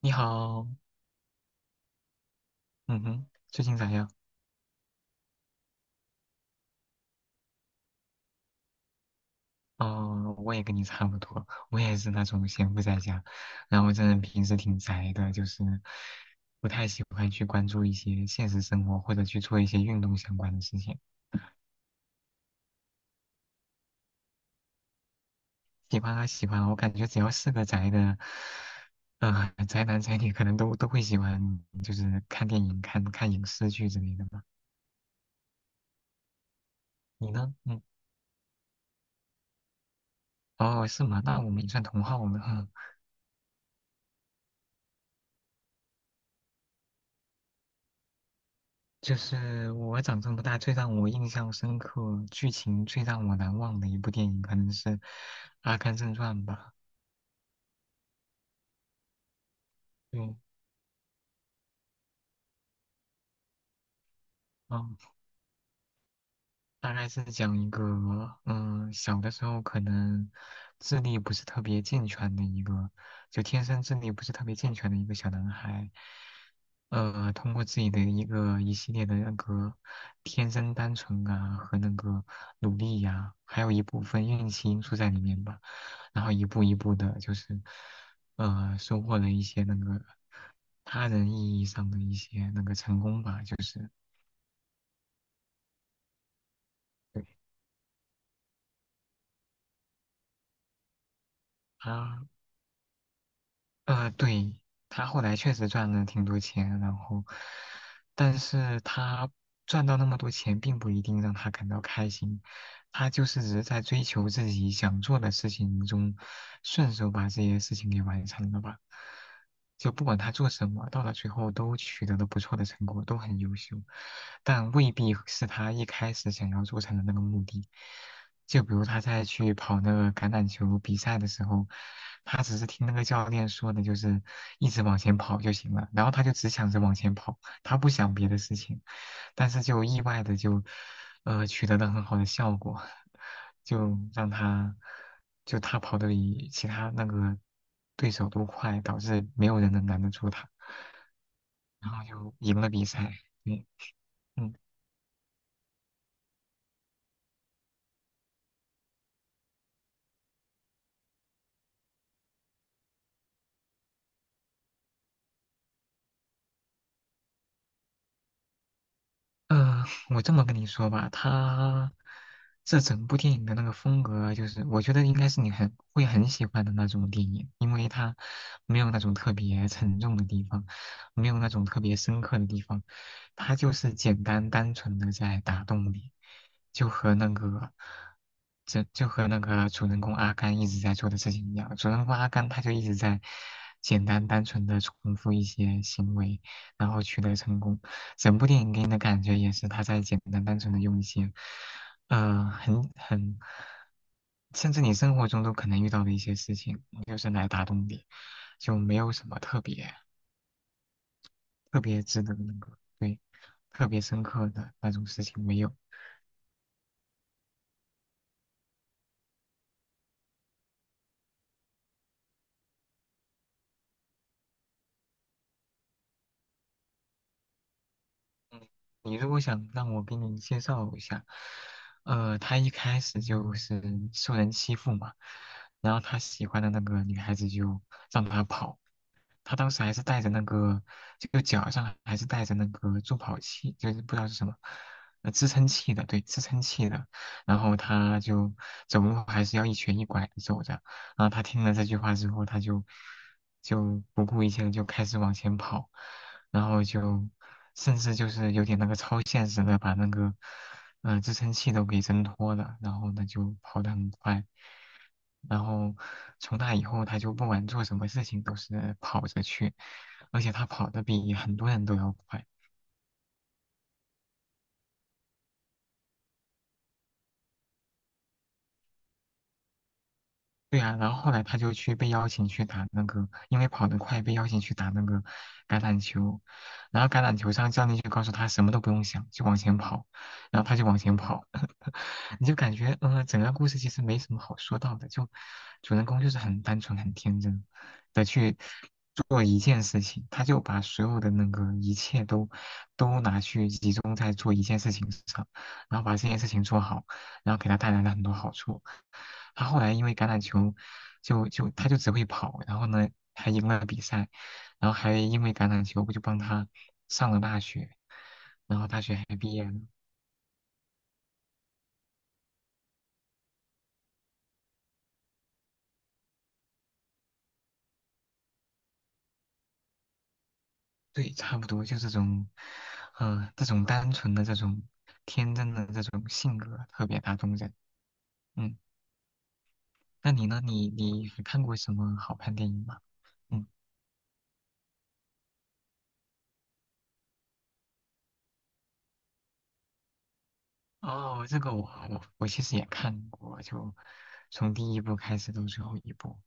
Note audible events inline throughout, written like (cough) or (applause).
你好，嗯哼，最近咋样？哦，我也跟你差不多，我也是那种闲不在家，然后这人平时挺宅的，就是不太喜欢去关注一些现实生活或者去做一些运动相关的事情。喜欢啊喜欢啊，我感觉只要是个宅的，宅男宅女可能都会喜欢，就是看电影、看看影视剧之类的吧。你呢？嗯，哦，是吗？那我们也算同好了。嗯，就是我长这么大最让我印象深刻、剧情最让我难忘的一部电影，可能是《阿甘正传》吧。对，嗯，大概是讲一个，嗯，小的时候可能智力不是特别健全的一个，就天生智力不是特别健全的一个小男孩，通过自己的一个一系列的那个天生单纯啊和那个努力呀、还有一部分运气因素在里面吧，然后一步一步的，就是收获了一些那个他人意义上的一些那个成功吧，就是对他对，他后来确实赚了挺多钱，然后，但是他赚到那么多钱，并不一定让他感到开心，他就是只是在追求自己想做的事情中，顺手把这些事情给完成了吧。就不管他做什么，到了最后都取得了不错的成果，都很优秀，但未必是他一开始想要做成的那个目的。就比如他在去跑那个橄榄球比赛的时候，他只是听那个教练说的，就是一直往前跑就行了，然后他就只想着往前跑，他不想别的事情，但是就意外的就，取得了很好的效果，(laughs) 就让他，就他跑得比其他那个对手都快，导致没有人能拦得住他，然后就赢了比赛。嗯嗯。呃，我这么跟你说吧，他这整部电影的那个风格，就是我觉得应该是你很喜欢的那种电影，因为它没有那种特别沉重的地方，没有那种特别深刻的地方，它就是简单单纯的在打动你，就和那个，这就和那个主人公阿甘一直在做的事情一样，主人公阿甘他就一直在简单单纯的重复一些行为，然后取得成功。整部电影给你的感觉也是他在简单单纯的用一些，呃，很很，甚至你生活中都可能遇到的一些事情，就是来打动你，就没有什么特别特别值得那个对特别深刻的那种事情没有。你如果想让我给你介绍一下，他一开始就是受人欺负嘛，然后他喜欢的那个女孩子就让他跑。他当时还是带着那个，就脚上还是带着那个助跑器，就是不知道是什么，支撑器的，对，支撑器的。然后他就走路还是要一瘸一拐的走着。然后他听了这句话之后，他就不顾一切的就开始往前跑，然后就甚至就是有点那个超现实的把那个嗯，支撑器都给挣脱了，然后呢就跑得很快，然后从那以后他就不管做什么事情都是跑着去，而且他跑得比很多人都要快。对呀、然后后来他就去被邀请去打那个，因为跑得快被邀请去打那个橄榄球，然后橄榄球上教练就告诉他什么都不用想，就往前跑，然后他就往前跑，(laughs) 你就感觉嗯、整个故事其实没什么好说到的，就主人公就是很单纯很天真的去做一件事情，他就把所有的那个一切都拿去集中在做一件事情上，然后把这件事情做好，然后给他带来了很多好处。他后来因为橄榄球就他就只会跑，然后呢还赢了比赛，然后还因为橄榄球不就帮他上了大学，然后大学还毕业了。对，差不多就这种，这种单纯的这种天真的这种性格特别打动人。嗯，那你呢？你还看过什么好看电影吗？嗯，哦，这个我我其实也看过，就从第一部开始到最后一部。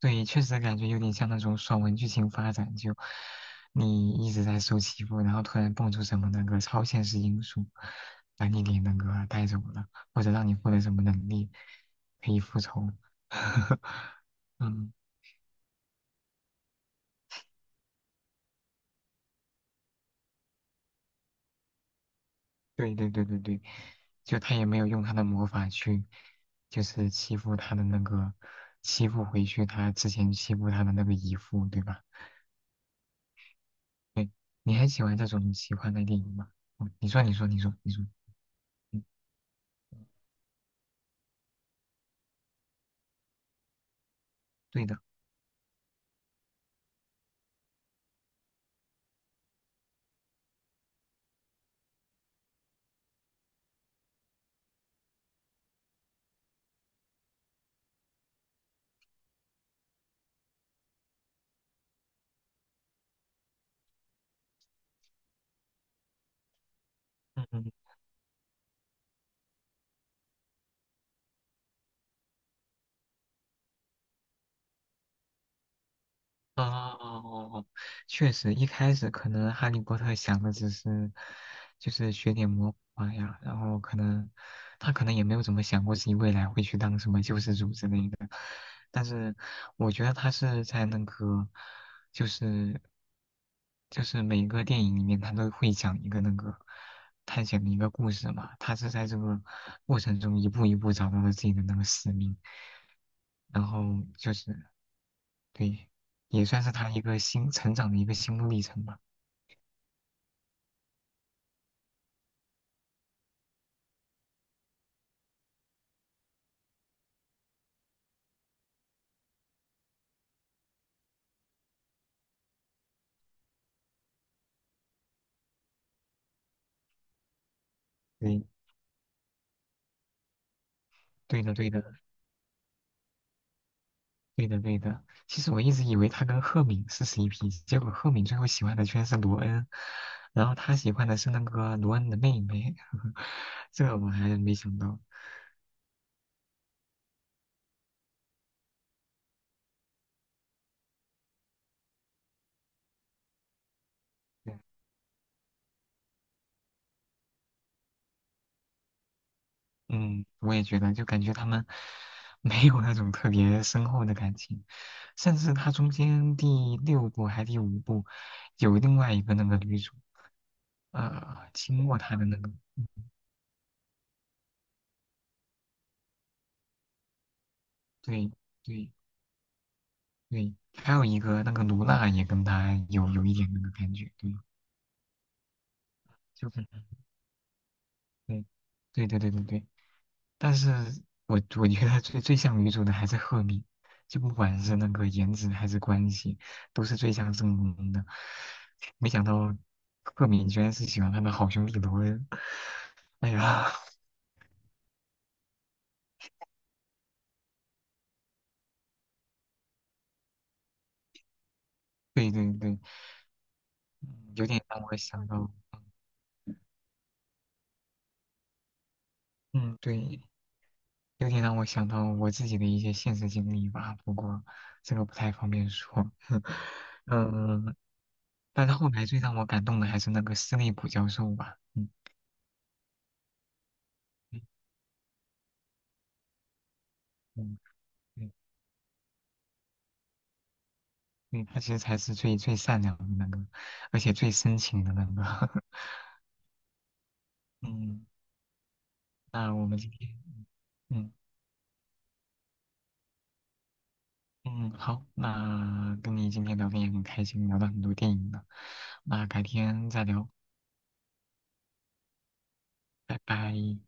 对，确实感觉有点像那种爽文剧情发展，就你一直在受欺负，然后突然蹦出什么那个超现实因素，把你给那个带走了，或者让你获得什么能力可以复仇。(laughs) 嗯，对对对对对，就他也没有用他的魔法去，就是欺负他的那个，欺负回去他之前欺负他的那个姨父，对吧？对，你还喜欢这种奇幻的电影吗？嗯，你说，你说，你说，你说，嗯，对的。嗯，哦，哦哦确实，一开始可能哈利波特想的只是，就是学点魔法呀，然后可能他可能也没有怎么想过自己未来会去当什么救世主之类的，但是我觉得他是在那个，就是就是每个电影里面他都会讲一个那个探险的一个故事嘛，他是在这个过程中一步一步找到了自己的那个使命。然后就是对，也算是他一个新成长的一个心路历程吧。对，对的，对的，对的，对的。其实我一直以为他跟赫敏是 CP，结果赫敏最后喜欢的居然是罗恩，然后他喜欢的是那个罗恩的妹妹，(laughs) 这个我还没想到。对嗯，我也觉得，就感觉他们 (laughs) 没有那种特别深厚的感情，甚至他中间第六部还第五部有另外一个那个女主，亲过他的那个，嗯对。对对，还有一个那个卢娜也跟他有一点那个感觉，对，就是对，对对对对对。但是我觉得最最像女主的还是赫敏，就不管是那个颜值还是关系，都是最像正宫的。没想到赫敏居然是喜欢他的好兄弟罗恩，哎呀，(laughs) 对对对，嗯有点让我想到，嗯，对，有点让我想到我自己的一些现实经历吧，不过这个不太方便说。(laughs) 嗯，但是后来最让我感动的还是那个斯内普教授吧。嗯嗯嗯，对对，他其实才是最最善良的那个，而且最深情的那个。(laughs) 嗯，那我们今天，嗯嗯，好，那跟你今天聊天也很开心，聊了很多电影呢。那改天再聊，拜拜。